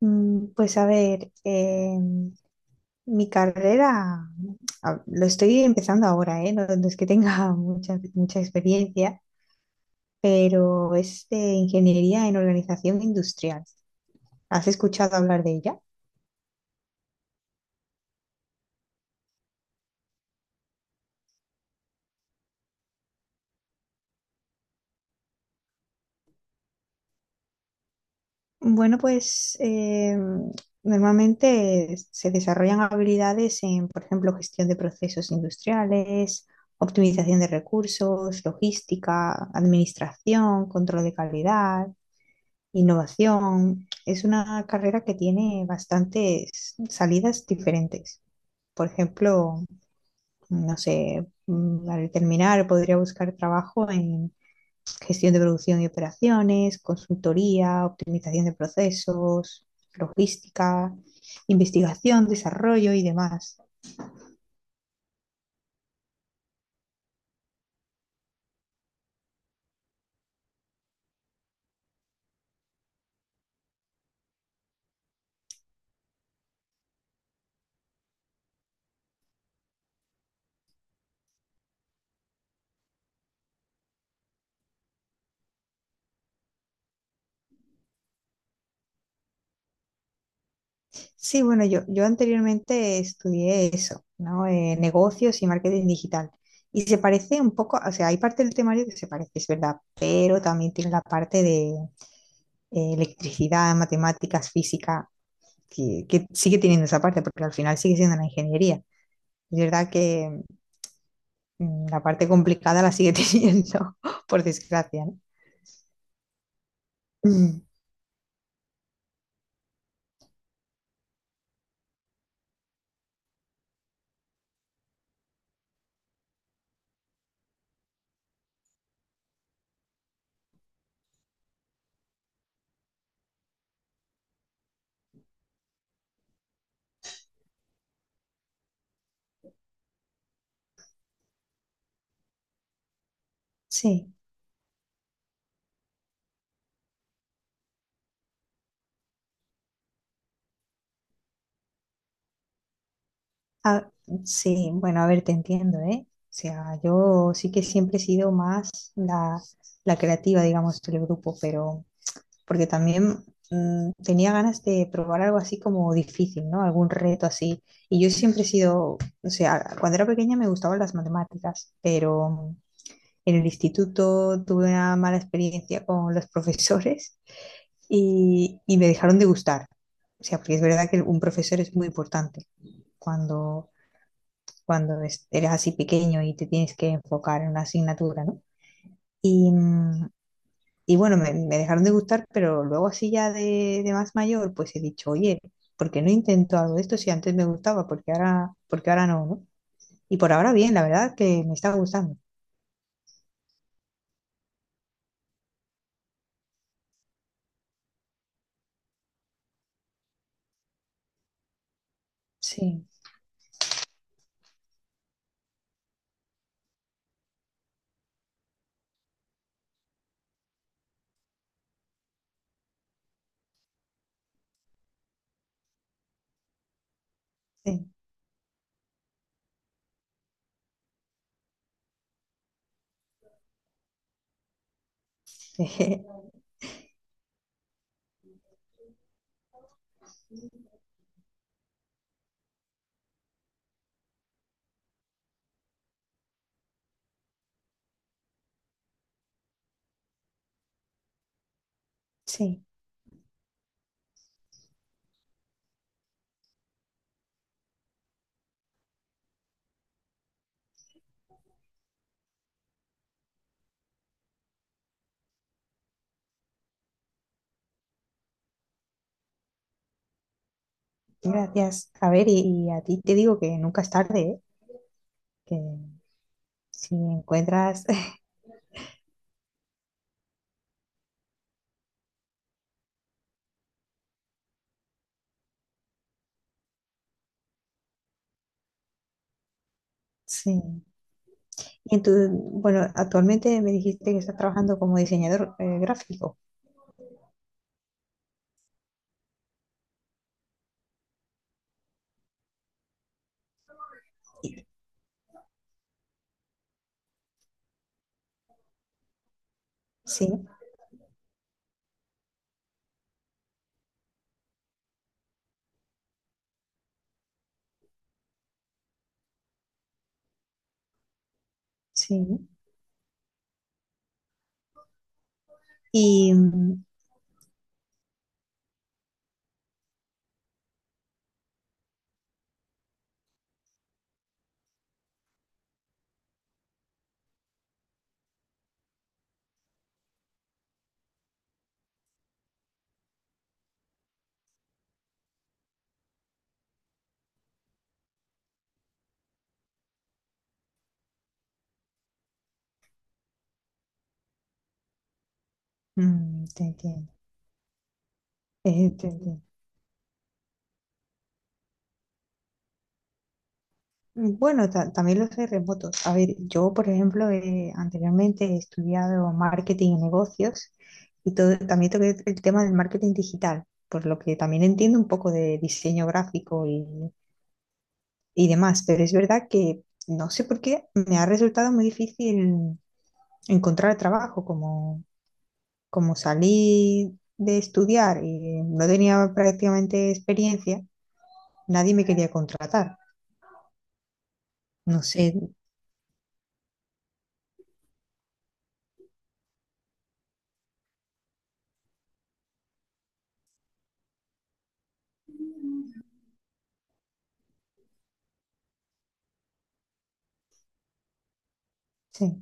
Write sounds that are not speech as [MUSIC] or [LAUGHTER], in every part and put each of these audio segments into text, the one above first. Pues a ver, mi carrera lo estoy empezando ahora, ¿eh? No, no es que tenga [LAUGHS] mucha experiencia, pero es de ingeniería en organización industrial. ¿Has escuchado hablar de ella? Bueno, pues normalmente se desarrollan habilidades en, por ejemplo, gestión de procesos industriales, optimización de recursos, logística, administración, control de calidad. Innovación es una carrera que tiene bastantes salidas diferentes. Por ejemplo, no sé, al terminar podría buscar trabajo en gestión de producción y operaciones, consultoría, optimización de procesos, logística, investigación, desarrollo y demás. Sí, bueno, yo anteriormente estudié eso, ¿no? Negocios y marketing digital. Y se parece un poco, o sea, hay parte del temario que se parece, es verdad, pero también tiene la parte de electricidad, matemáticas, física, que sigue teniendo esa parte, porque al final sigue siendo una ingeniería. Es verdad que la parte complicada la sigue [LAUGHS] teniendo, por desgracia, ¿no? Mm. Sí. Ah, sí, bueno, a ver, te entiendo, ¿eh? O sea, yo sí que siempre he sido más la creativa, digamos, del grupo, pero porque también tenía ganas de probar algo así como difícil, ¿no? Algún reto así. Y yo siempre he sido, o sea, cuando era pequeña me gustaban las matemáticas, pero en el instituto tuve una mala experiencia con los profesores y me dejaron de gustar. O sea, porque es verdad que un profesor es muy importante cuando eres así pequeño y te tienes que enfocar en una asignatura, ¿no? Y, y bueno, me dejaron de gustar, pero luego así ya de más mayor, pues he dicho, oye, ¿por qué no intento algo de esto si antes me gustaba? ¿Porque ahora no, no? Y por ahora bien, la verdad que me está gustando. Sí, sí, [LAUGHS] sí, gracias. A ver, y a ti te digo que nunca es tarde, ¿eh? Que si encuentras, [LAUGHS] sí. Y entonces, bueno, actualmente me dijiste que estás trabajando como diseñador gráfico. Sí, sí. Y te entiendo. Te entiendo. Bueno, también los hay remotos. A ver, yo, por ejemplo, anteriormente he estudiado marketing y negocios y todo, también toqué el tema del marketing digital, por lo que también entiendo un poco de diseño gráfico y demás, pero es verdad que no sé por qué me ha resultado muy difícil encontrar trabajo como salí de estudiar y no tenía prácticamente experiencia, nadie me quería contratar. No sé, sí.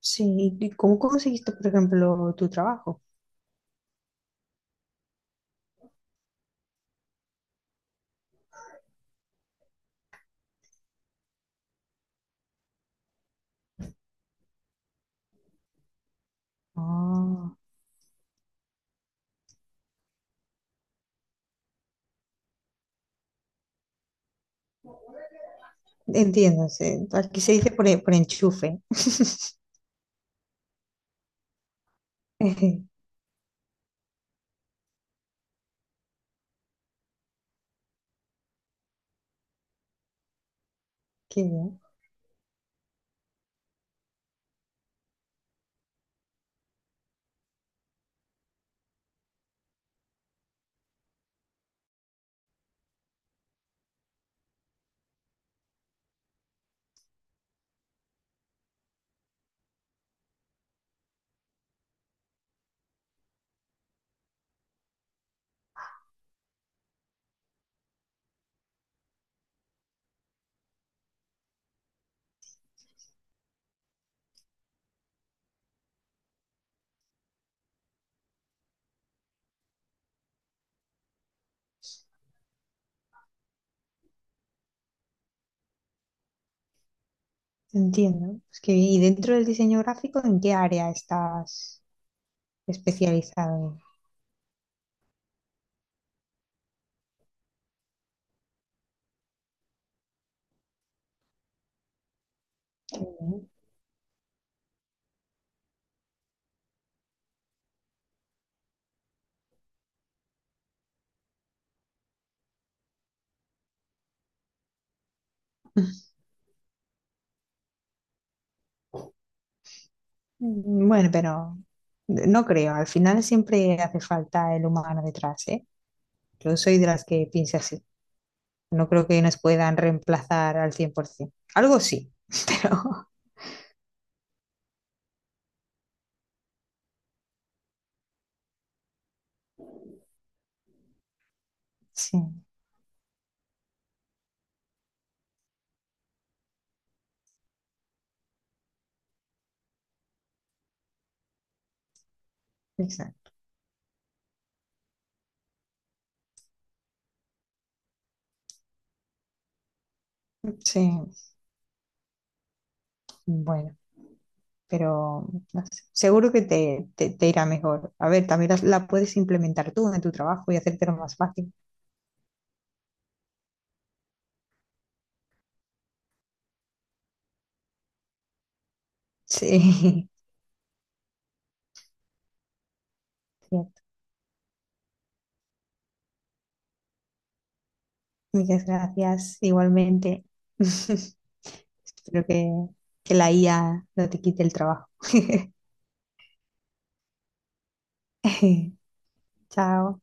Sí, ¿y cómo conseguiste, por ejemplo, tu trabajo? Ah, entiendo, sí. Aquí se dice por, e, por enchufe. [LAUGHS] Qué bien, entiendo. Es que, y dentro del diseño gráfico, ¿en qué área estás especializado? Qué bien. Bueno, pero no creo, al final siempre hace falta el humano detrás, ¿eh? Yo soy de las que piensa así. No creo que nos puedan reemplazar al 100%. Algo sí, [LAUGHS] pero sí, exacto. Sí, bueno, pero no sé, seguro que te irá mejor. A ver, también puedes implementar tú en tu trabajo y hacértelo más fácil. Sí, [LAUGHS] cierto. Muchas gracias, igualmente. [LAUGHS] Espero que, que la IA no te quite el trabajo. [LAUGHS] Chao.